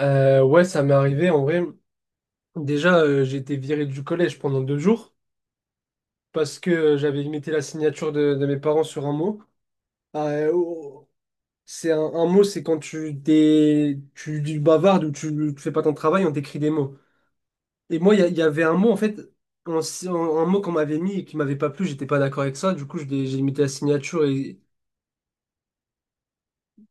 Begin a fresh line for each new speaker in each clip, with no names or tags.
Ouais, ça m'est arrivé. En vrai, déjà, j'ai été viré du collège pendant 2 jours parce que j'avais imité la signature de mes parents sur un mot. Oh, c'est un mot, c'est quand tu bavardes ou tu fais pas ton travail, on t'écrit des mots. Et moi, il y avait un mot, en fait, un, si- un mot qu'on m'avait mis et qui m'avait pas plu, j'étais pas d'accord avec ça. Du coup, j'ai imité la signature et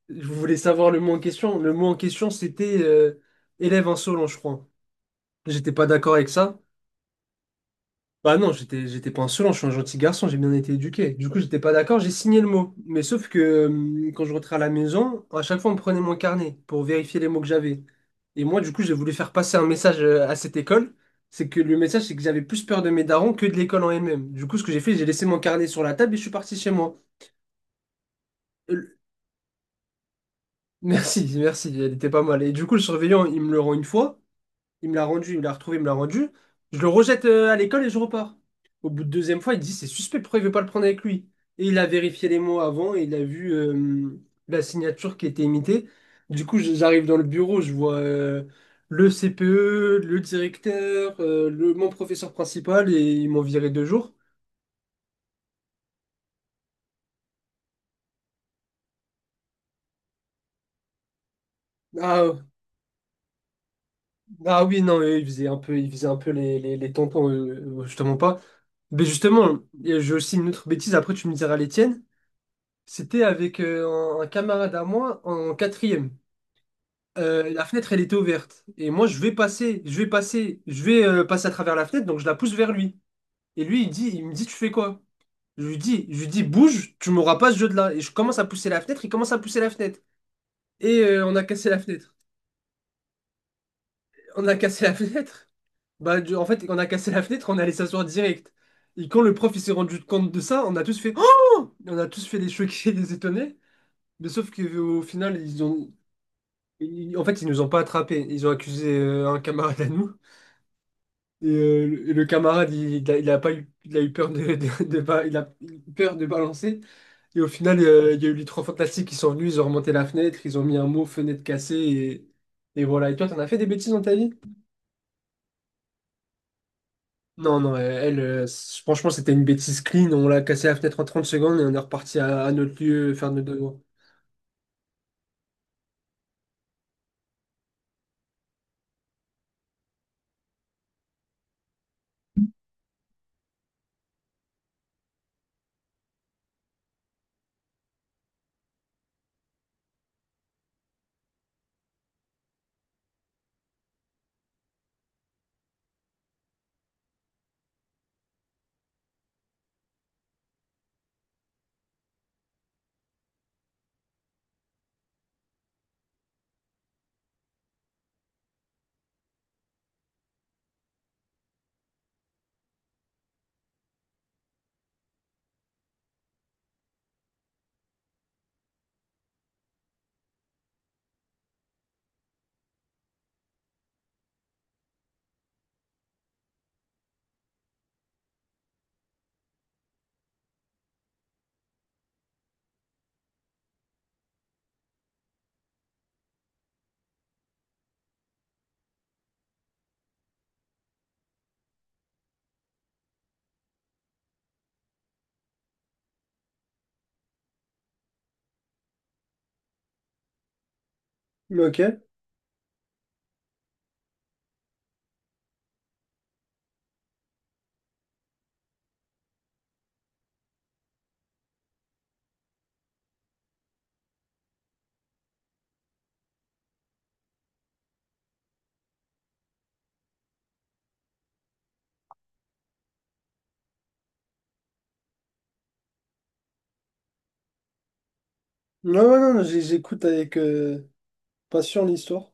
je voulais savoir le mot en question. Le mot en question, c'était élève insolent, je crois. J'étais pas d'accord avec ça. Bah non, j'étais pas insolent, je suis un gentil garçon, j'ai bien été éduqué. Du coup, j'étais pas d'accord, j'ai signé le mot. Mais sauf que quand je rentrais à la maison, à chaque fois on me prenait mon carnet pour vérifier les mots que j'avais. Et moi, du coup, j'ai voulu faire passer un message à cette école, c'est que le message c'est que j'avais plus peur de mes darons que de l'école en elle-même. Du coup, ce que j'ai fait, j'ai laissé mon carnet sur la table et je suis parti chez moi. Euh, Merci, merci, elle était pas mal. Et du coup, le surveillant, il me le rend une fois. Il me l'a rendu, il me l'a retrouvé, il me l'a rendu. Je le rejette à l'école et je repars. Au bout de deuxième fois, il dit, c'est suspect, pourquoi il veut pas le prendre avec lui? Et il a vérifié les mots avant et il a vu la signature qui était imitée. Du coup, j'arrive dans le bureau, je vois le CPE, le directeur, mon professeur principal et ils m'ont viré 2 jours. Ah, ah oui, non, eux, ils faisaient un peu les tampons, je te mens pas. Mais justement, et j'ai aussi une autre bêtise, après tu me diras les tiennes. C'était avec un camarade à moi en quatrième. La fenêtre, elle était ouverte. Et moi, je vais passer, je vais passer, je vais passer à travers la fenêtre, donc je la pousse vers lui. Et lui, il me dit, tu fais quoi? Je lui dis, bouge, tu m'auras pas ce jeu de là. Et je commence à pousser la fenêtre, il commence à pousser la fenêtre. Et on a cassé la fenêtre. On a cassé la fenêtre. Bah, en fait, on a cassé la fenêtre, on est allé s'asseoir direct. Et quand le prof il s'est rendu compte de ça, on a tous fait Oh! On a tous fait des choqués, des étonnés. Mais sauf qu'au final, ils ont. En fait, ils nous ont pas attrapés. Ils ont accusé un camarade à nous. Et le camarade, il a pas eu, il a eu peur de ba- il a eu peur de balancer. Et au final, il y a eu les trois fantastiques qui sont venus, ils ont remonté la fenêtre, ils ont mis un mot fenêtre cassée. Et voilà. Et toi, t'en as fait des bêtises dans ta vie? Non, non, franchement, c'était une bêtise clean. On l'a cassé la fenêtre en 30 secondes et on est reparti à notre lieu faire nos devoirs. Ok. Non, ouais, non, non, j'écoute avec passion l'histoire.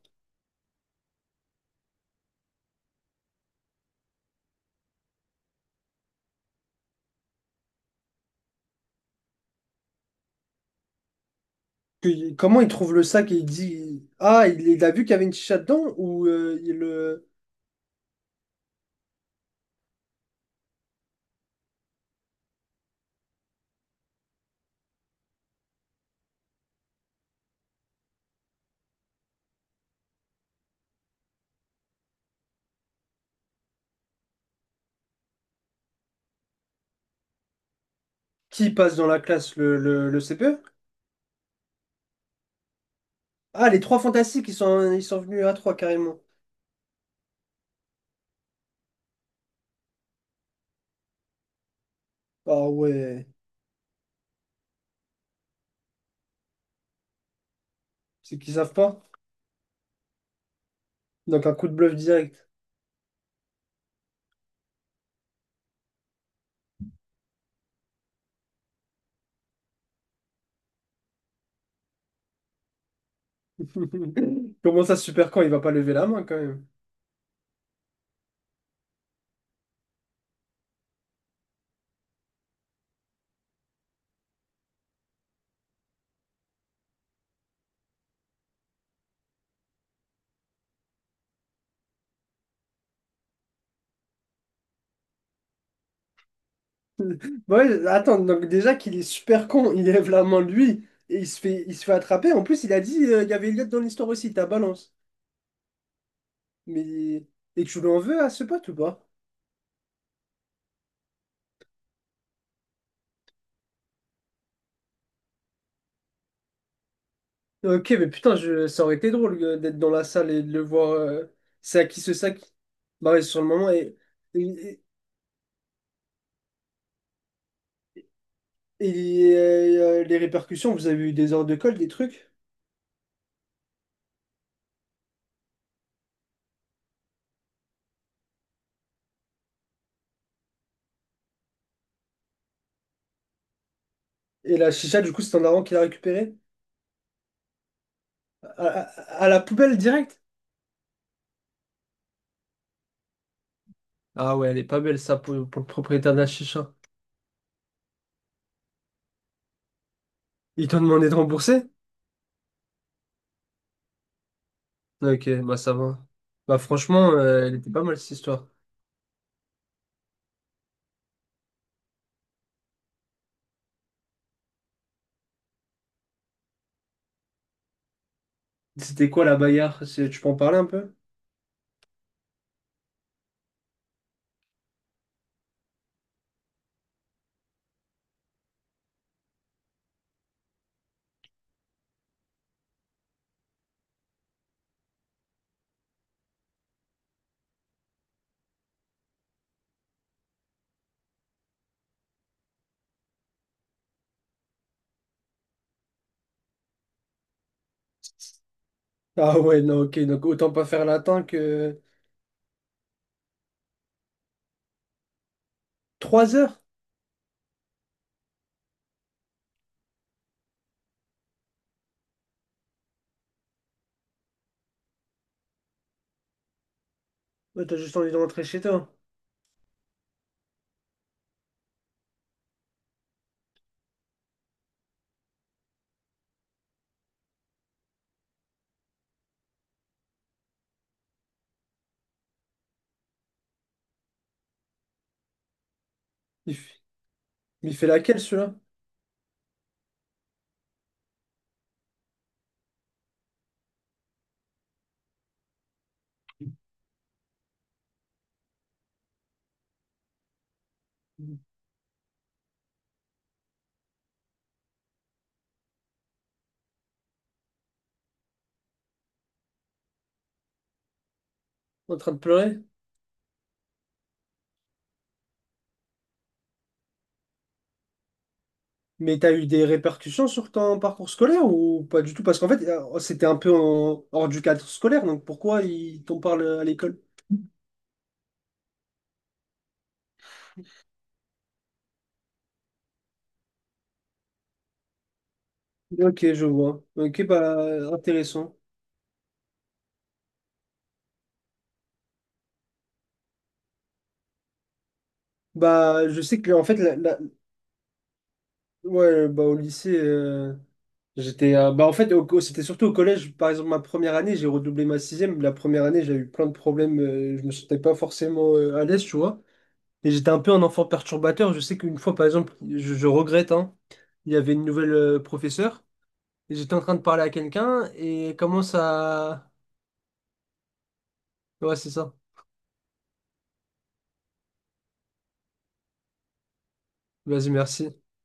Comment il trouve le sac et il dit, ah, il a vu qu'il y avait une chicha dedans ou qui passe dans la classe le CPE? Ah, les trois fantastiques, ils sont venus à trois carrément. Ah ouais, c'est qu'ils savent pas. Donc un coup de bluff direct. Comment ça, super con, il va pas lever la main quand même. Ouais, attends, donc déjà qu'il est super con, il lève la main lui et il se fait attraper. En plus, il a dit il y avait Elliot dans l'histoire aussi, ta balance. Mais et tu l'en veux à ce pote ou pas? Ok, mais putain, ça aurait été drôle d'être dans la salle et de le voir. C'est à qui ce sac? Bah ouais, sur le moment. Et, les répercussions, vous avez eu des heures de colle, des trucs? Et la chicha, du coup, c'est un avant qui l'a récupérée? À la poubelle direct? Ah ouais, elle est pas belle, ça, pour le propriétaire de la chicha. Ils t'ont demandé de rembourser? Ok, bah ça va. Bah franchement, elle était pas mal cette histoire. C'était quoi la bagarre? Tu peux en parler un peu? Ah ouais, non, ok, donc autant pas faire latin que... 3 heures? Bah, t'as juste envie de rentrer chez toi. Il, f- il fait laquelle, celui-là? En train de pleurer? Mais t'as eu des répercussions sur ton parcours scolaire ou pas du tout? Parce qu'en fait, c'était un peu hors du cadre scolaire, donc pourquoi il t'en parle à l'école? Ok, je vois. Ok, bah, intéressant. Bah, je sais que, en fait, ouais, bah, au lycée, j'étais. Bah, en fait, au c'était surtout au collège. Par exemple, ma première année, j'ai redoublé ma sixième. La première année, j'ai eu plein de problèmes. Je me sentais pas forcément à l'aise, tu vois. Et j'étais un peu un enfant perturbateur. Je sais qu'une fois, par exemple, je regrette, hein, il y avait une nouvelle professeure. Et j'étais en train de parler à quelqu'un et elle commence à... Ouais, c'est ça. Vas-y, merci.